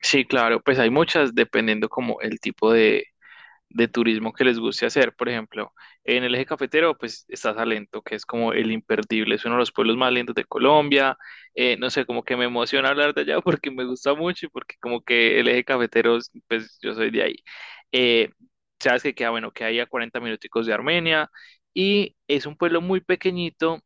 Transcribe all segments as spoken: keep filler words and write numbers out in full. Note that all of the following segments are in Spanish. Sí, claro, pues hay muchas dependiendo como el tipo de, de turismo que les guste hacer. Por ejemplo, en el eje cafetero, pues está Salento, que es como el imperdible, es uno de los pueblos más lindos de Colombia. Eh, no sé, como que me emociona hablar de allá porque me gusta mucho y porque como que el eje cafetero, pues yo soy de ahí. Eh, sabes que queda, bueno, que hay a cuarenta minuticos de Armenia y es un pueblo muy pequeñito,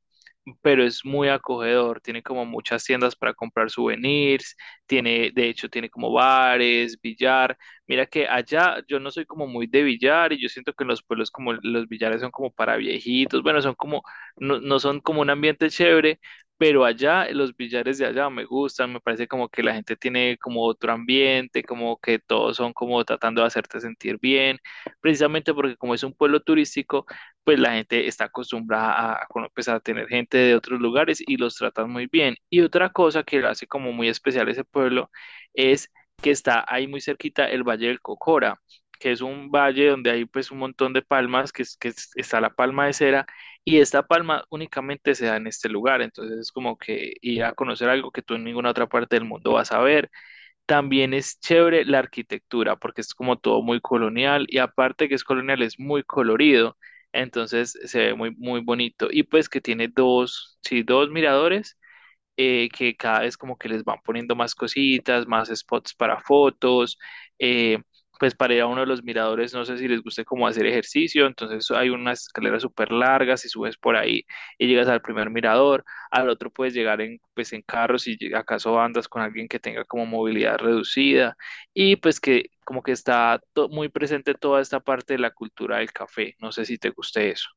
pero es muy acogedor, tiene como muchas tiendas para comprar souvenirs, tiene, de hecho, tiene como bares, billar. Mira que allá yo no soy como muy de billar y yo siento que en los pueblos como los billares son como para viejitos, bueno, son como, no, no son como un ambiente chévere, pero allá los billares de allá me gustan, me parece como que la gente tiene como otro ambiente, como que todos son como tratando de hacerte sentir bien, precisamente porque como es un pueblo turístico, pues la gente está acostumbrada a, a cono- pues, a tener gente de otros lugares y los tratan muy bien. Y otra cosa que lo hace como muy especial ese pueblo, es que está ahí muy cerquita el Valle del Cocora, que es un valle donde hay pues un montón de palmas, que, es- que es- está la palma de cera, y esta palma únicamente se da en este lugar, entonces es como que ir a conocer algo que tú en ninguna otra parte del mundo vas a ver. También es chévere la arquitectura, porque es como todo muy colonial, y aparte que es colonial, es muy colorido, entonces se ve muy, muy bonito, y pues que tiene dos, sí, dos miradores eh, que cada vez como que les van poniendo más cositas, más spots para fotos. eh, pues para ir a uno de los miradores, no sé si les guste como hacer ejercicio, entonces hay unas escaleras súper largas y subes por ahí y llegas al primer mirador. Al otro puedes llegar en, pues en carro si lleg- acaso andas con alguien que tenga como movilidad reducida, y pues que como que está to- muy presente toda esta parte de la cultura del café, no sé si te guste eso.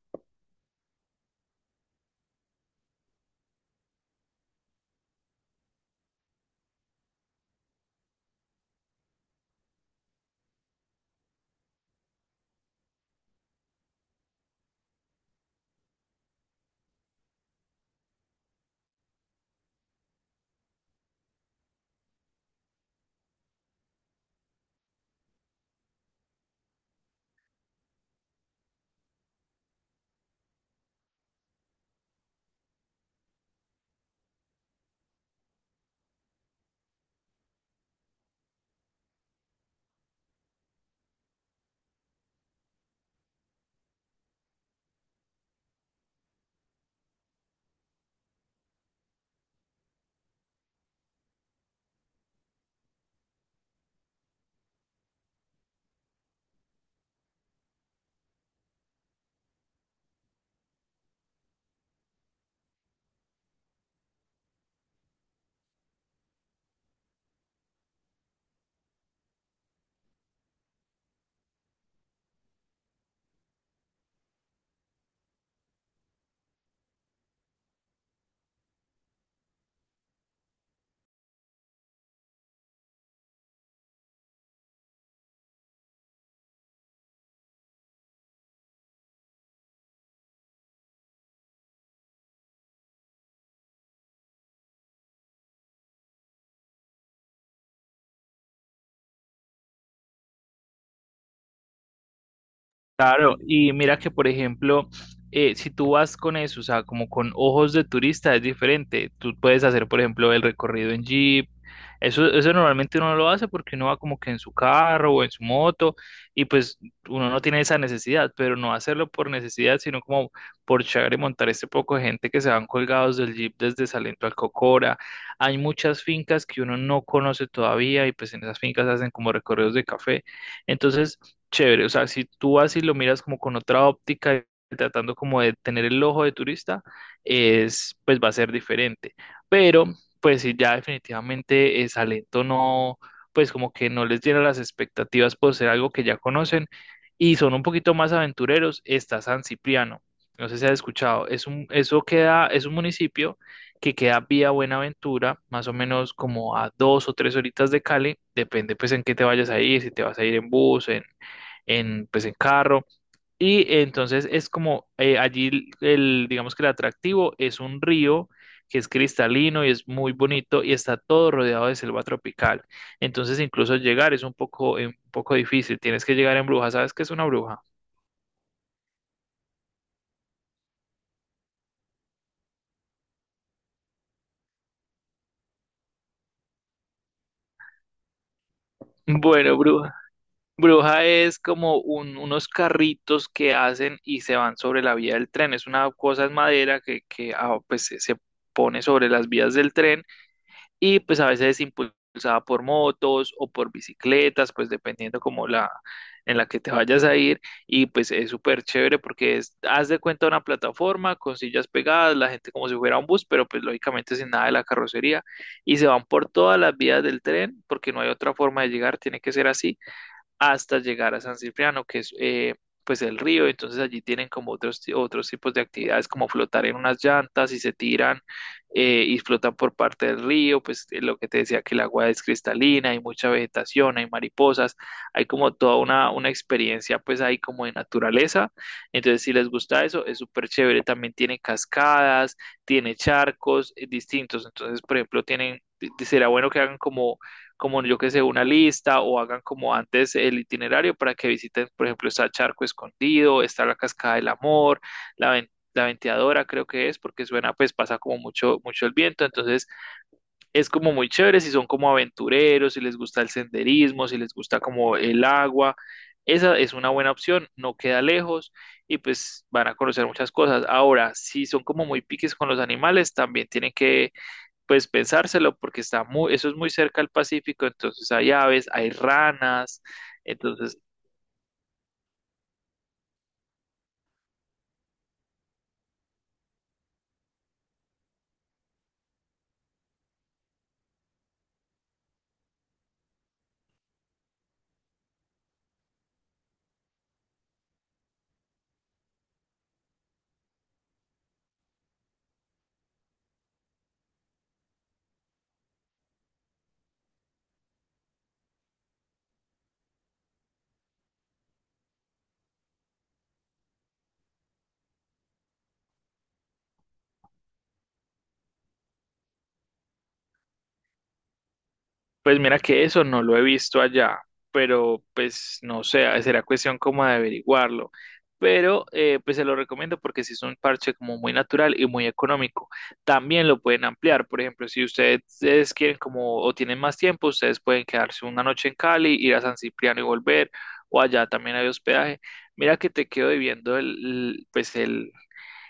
Claro, y mira que por ejemplo, eh, si tú vas con eso, o sea, como con ojos de turista es diferente. Tú puedes hacer, por ejemplo, el recorrido en jeep. Eso, eso normalmente uno no lo hace porque uno va como que en su carro o en su moto, y pues uno no tiene esa necesidad, pero no hacerlo por necesidad, sino como por llegar y montar este poco de gente que se van colgados del jeep desde Salento al Cocora. Hay muchas fincas que uno no conoce todavía y pues en esas fincas hacen como recorridos de café. Entonces chévere. O sea, si tú vas y lo miras como con otra óptica, tratando como de tener el ojo de turista, es, pues va a ser diferente. Pero, pues sí, ya definitivamente eh, Salento no, pues como que no les llena las expectativas por ser algo que ya conocen y son un poquito más aventureros, está San Cipriano. No sé si has escuchado, es un, eso queda, es un municipio que queda vía Buenaventura, más o menos como a dos o tres horitas de Cali, depende pues en qué te vayas a ir, si te vas a ir en bus, en, en, pues, en carro. Y entonces es como eh, allí el, digamos que el atractivo es un río que es cristalino y es muy bonito y está todo rodeado de selva tropical. Entonces incluso llegar es un poco, eh, un poco difícil. Tienes que llegar en bruja. ¿Sabes qué es una bruja? Bueno, bruja. Bruja es como un- unos carritos que hacen y se van sobre la vía del tren. Es una cosa en madera que, que ah, pues, se se pone sobre las vías del tren, y pues a veces es impulsada por motos o por bicicletas, pues dependiendo como la en la que te vayas a ir, y pues es súper chévere porque es, haz de cuenta una plataforma con sillas pegadas, la gente como si fuera un bus, pero pues lógicamente sin nada de la carrocería, y se van por todas las vías del tren porque no hay otra forma de llegar, tiene que ser así hasta llegar a San Cipriano, que es eh, pues el río. Entonces allí tienen como otros, ti- otros tipos de actividades como flotar en unas llantas y se tiran eh, y flotan por parte del río. Pues eh, lo que te decía que el agua es cristalina, hay mucha vegetación, hay mariposas, hay como toda una, una experiencia pues ahí como de naturaleza. Entonces si les gusta eso, es súper chévere. También tiene cascadas, tiene charcos eh, distintos. Entonces, por ejemplo, tienen... Será bueno que hagan como como yo que sé, una lista o hagan como antes el itinerario para que visiten, por ejemplo, está Charco Escondido, está la Cascada del Amor, la, ven- la Venteadora creo que es, porque suena, pues pasa como mucho, mucho el viento, entonces es como muy chévere si son como aventureros, si les gusta el senderismo, si les gusta como el agua, esa es una buena opción, no queda lejos y pues van a conocer muchas cosas. Ahora, si son como muy piques con los animales, también tienen que pues pensárselo porque está muy, eso es muy cerca al Pacífico, entonces hay aves, hay ranas, entonces, pues mira que eso no lo he visto allá, pero pues no sé, será cuestión como de averiguarlo. Pero eh, pues se lo recomiendo porque si es un parche como muy natural y muy económico. También lo pueden ampliar. Por ejemplo, si ustedes quieren como o tienen más tiempo, ustedes pueden quedarse una noche en Cali, ir a San Cipriano y volver, o allá también hay hospedaje. Mira que te quedo debiendo el, el- pues el,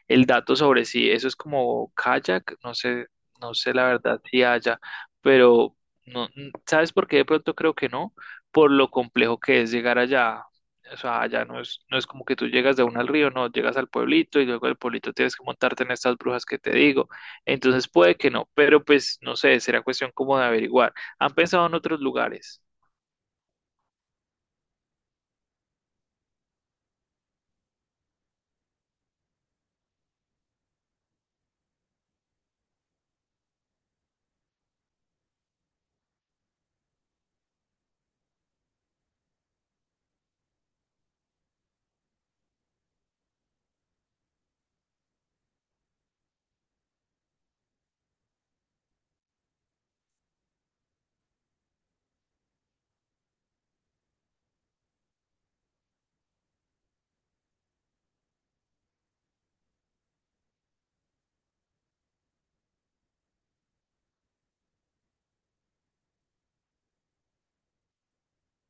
el dato sobre si eso es como kayak, no sé, no sé la verdad si haya, pero no, n- ¿sabes por qué de pronto creo que no? Por lo complejo que es llegar allá. O sea, allá no es, no es como que tú llegas de una al río, no, llegas al pueblito y luego del pueblito tienes que montarte en estas brujas que te digo. Entonces puede que no, pero pues no sé, será cuestión como de averiguar. ¿Han pensado en otros lugares?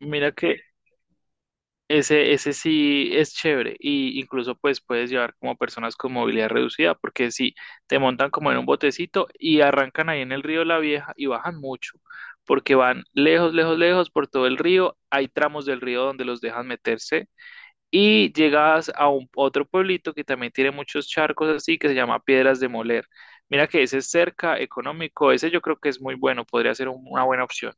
Mira que Ese, ese sí es chévere y incluso pues puedes llevar como personas con movilidad reducida porque si te montan como en un botecito y arrancan ahí en el río La Vieja y bajan mucho porque van lejos, lejos, lejos por todo el río. Hay tramos del río donde los dejan meterse y llegas a un otro pueblito que también tiene muchos charcos así que se llama Piedras de Moler. Mira que ese es cerca, económico, ese yo creo que es muy bueno, podría ser un- una buena opción.